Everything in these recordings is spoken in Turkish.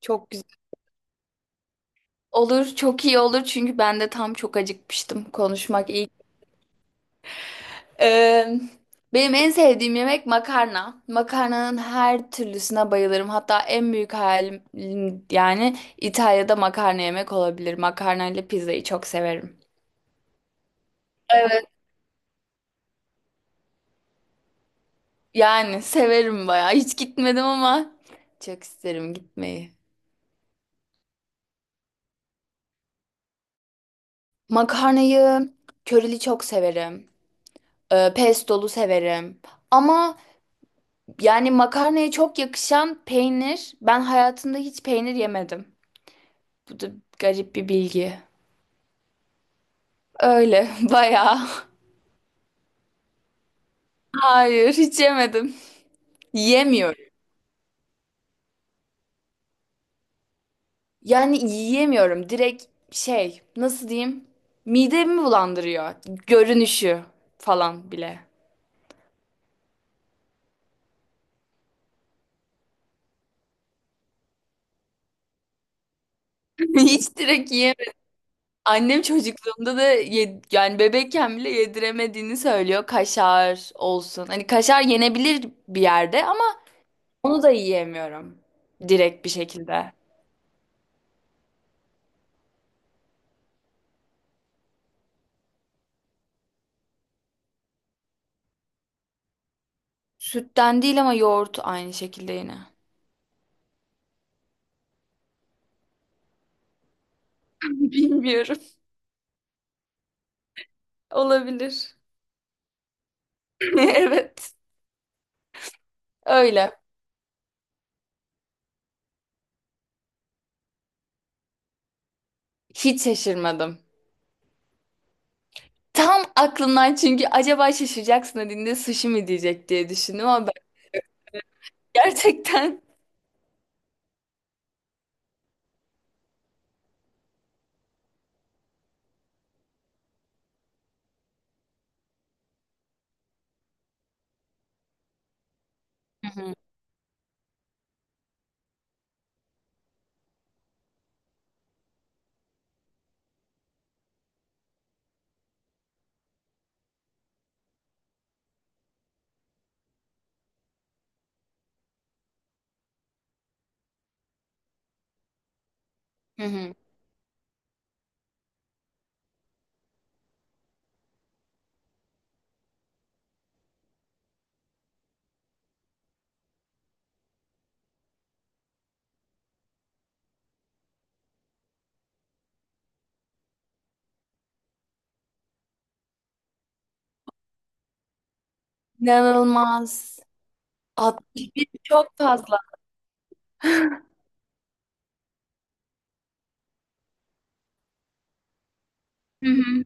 Çok güzel olur, çok iyi olur çünkü ben de tam çok acıkmıştım. Konuşmak iyi. Ee, Benim en sevdiğim yemek makarna. Makarnanın her türlüsüne bayılırım. Hatta en büyük hayalim yani İtalya'da makarna yemek olabilir. Makarna ile pizzayı çok severim. Evet. Yani severim bayağı. Hiç gitmedim ama çok isterim gitmeyi. Makarnayı körili çok severim. Pestolu severim. Ama Yani makarnaya çok yakışan peynir. Ben hayatımda hiç peynir yemedim. Bu da garip bir bilgi. Öyle bayağı. Hayır, hiç yemedim. Yiyemiyorum. Yani yiyemiyorum. Direkt şey, nasıl diyeyim? Midemi bulandırıyor. Görünüşü falan bile. Hiç direkt yiyemedim. Annem çocukluğumda da yani bebekken bile yediremediğini söylüyor. Kaşar olsun, hani kaşar yenebilir bir yerde, ama onu da yiyemiyorum. Direkt bir şekilde. Sütten değil ama yoğurt aynı şekilde yine. Bilmiyorum. Olabilir. Evet. Öyle. Hiç şaşırmadım. Tam aklımdan, çünkü acaba şaşıracaksın dediğinde sushi mi diyecek diye düşündüm ama ben gerçekten. Hı hı. Hı hı. inanılmaz. 61 çok fazla. Hı hı.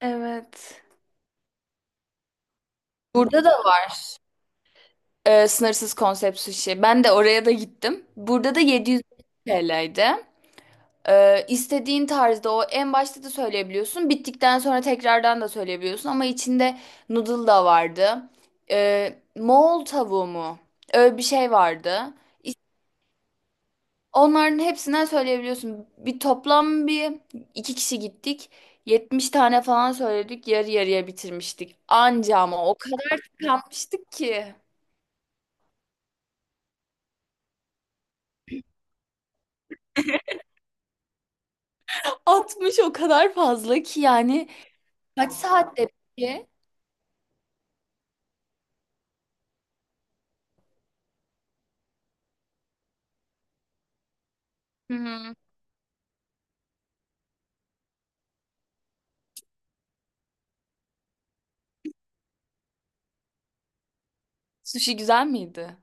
Evet. Burada da var sınırsız konsept sushi. Ben de oraya da gittim. Burada da 700 TL'ydi. İstediğin tarzda o en başta da söyleyebiliyorsun. Bittikten sonra tekrardan da söyleyebiliyorsun. Ama içinde noodle da vardı. Moğol tavuğu mu? Öyle bir şey vardı. İs- Onların hepsinden söyleyebiliyorsun. Bir toplam, bir iki kişi gittik. 70 tane falan söyledik. Yarı yarıya bitirmiştik. Anca, ama o kadar tıkanmıştık ki. 60 o kadar fazla ki yani. Kaç saatte peki? Hı hı. Sushi güzel miydi?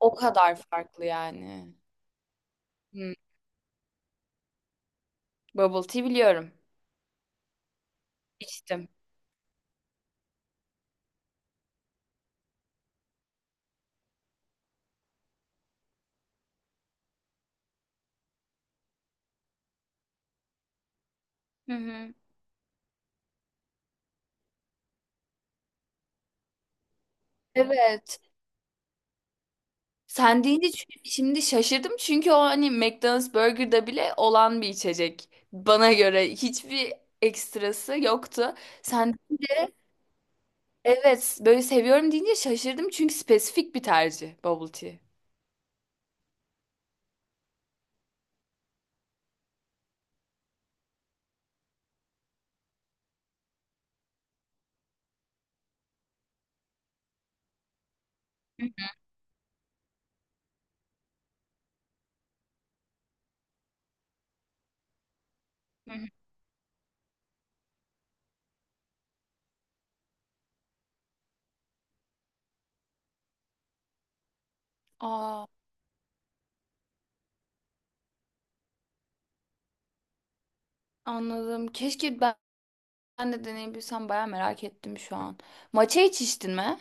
O kadar farklı yani. Hmm. Bubble tea biliyorum. İçtim. Hı hı. Evet. Sen deyince şimdi şaşırdım, çünkü o hani McDonald's Burger'da bile olan bir içecek. Bana göre hiçbir ekstrası yoktu. Sen evet böyle seviyorum deyince şaşırdım, çünkü spesifik bir tercih bubble tea. Hı hı. Aa, anladım. Keşke ben de deneyebilsem, bayağı merak ettim şu an. Matcha hiç içtin mi?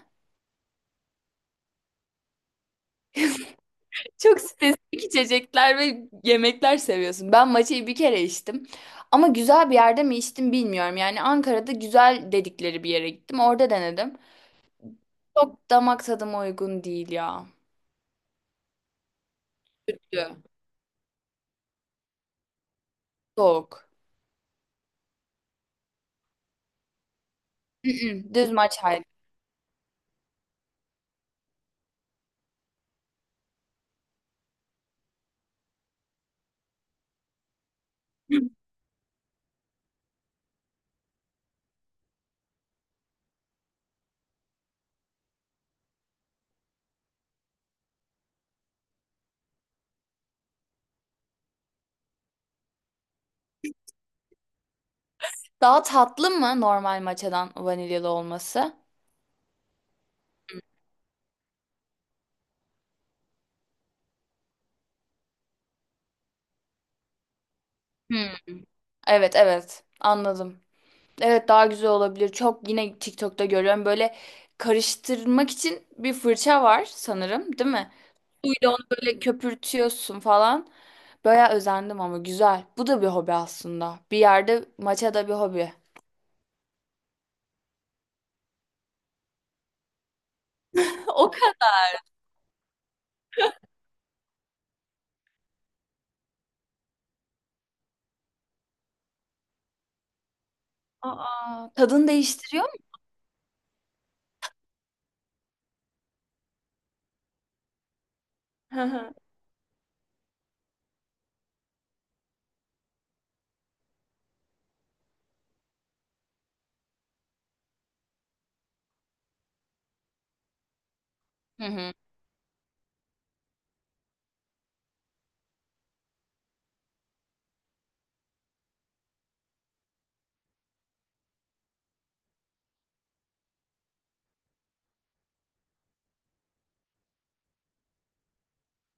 Çok spesifik içecekler ve yemekler seviyorsun. Ben matcha'yı bir kere içtim. Ama güzel bir yerde mi içtim bilmiyorum. Yani Ankara'da güzel dedikleri bir yere gittim. Orada denedim. Çok damak tadıma uygun değil ya. Kötü. Soğuk. Mm-mm, düz matcha. Daha tatlı mı normal matcha'dan vanilyalı olması? Hmm, evet evet, anladım. Evet, daha güzel olabilir. Çok yine TikTok'ta görüyorum, böyle karıştırmak için bir fırça var sanırım, değil mi? Suyla onu böyle köpürtüyorsun falan. Bayağı özendim ama güzel. Bu da bir hobi aslında. Bir yerde maça da bir hobi. O kadar. Aa, tadını değiştiriyor mu? Hı hı. Hı hı.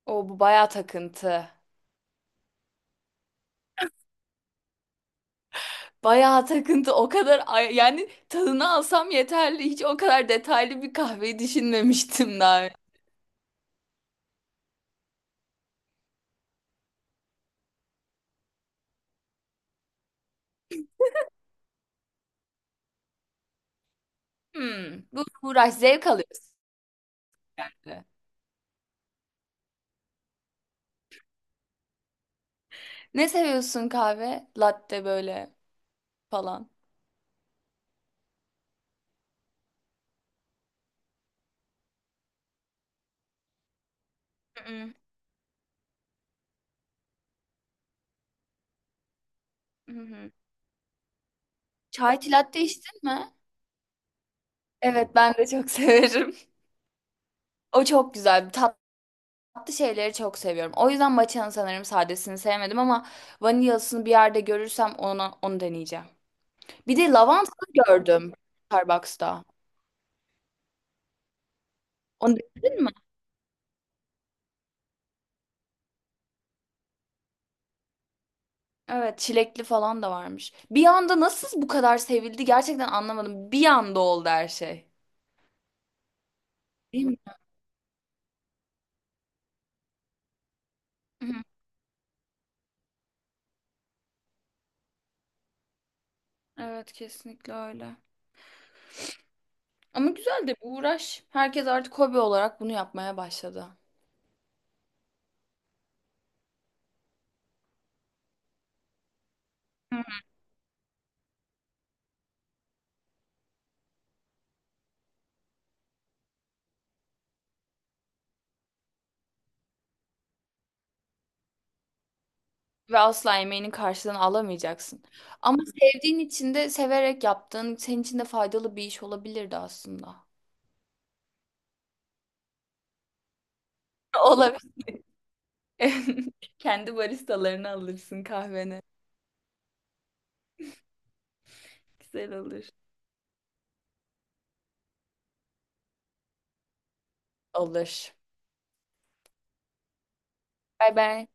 O bu bayağı takıntı. Bayağı takıntı. O kadar yani tadını alsam yeterli. Hiç o kadar detaylı bir kahveyi düşünmemiştim daha önce. Hmm. Bu uğraş zevk alıyorsun yani. Ne seviyorsun kahve? Latte böyle falan. Hı hı. Hı hı. Çay latte içtin mi? Evet, ben de çok severim. O çok güzel. Tatlı şeyleri çok seviyorum. O yüzden matcha'nın sanırım sadesini sevmedim ama vanilyasını bir yerde görürsem onu deneyeceğim. Bir de lavantalı gördüm Starbucks'ta. Onu denedin mi? Evet, çilekli falan da varmış. Bir anda nasıl bu kadar sevildi gerçekten anlamadım. Bir anda oldu her şey. Değil mi? Hı hı. Evet, kesinlikle öyle. Ama güzel de bir uğraş. Herkes artık hobi olarak bunu yapmaya başladı. Hı. Ve asla emeğinin karşılığını alamayacaksın. Ama sevdiğin için de, severek yaptığın senin için de faydalı bir iş olabilirdi aslında. Olabilir. Kendi baristalarını alırsın kahveni. Güzel olur. Olur. Bay bay.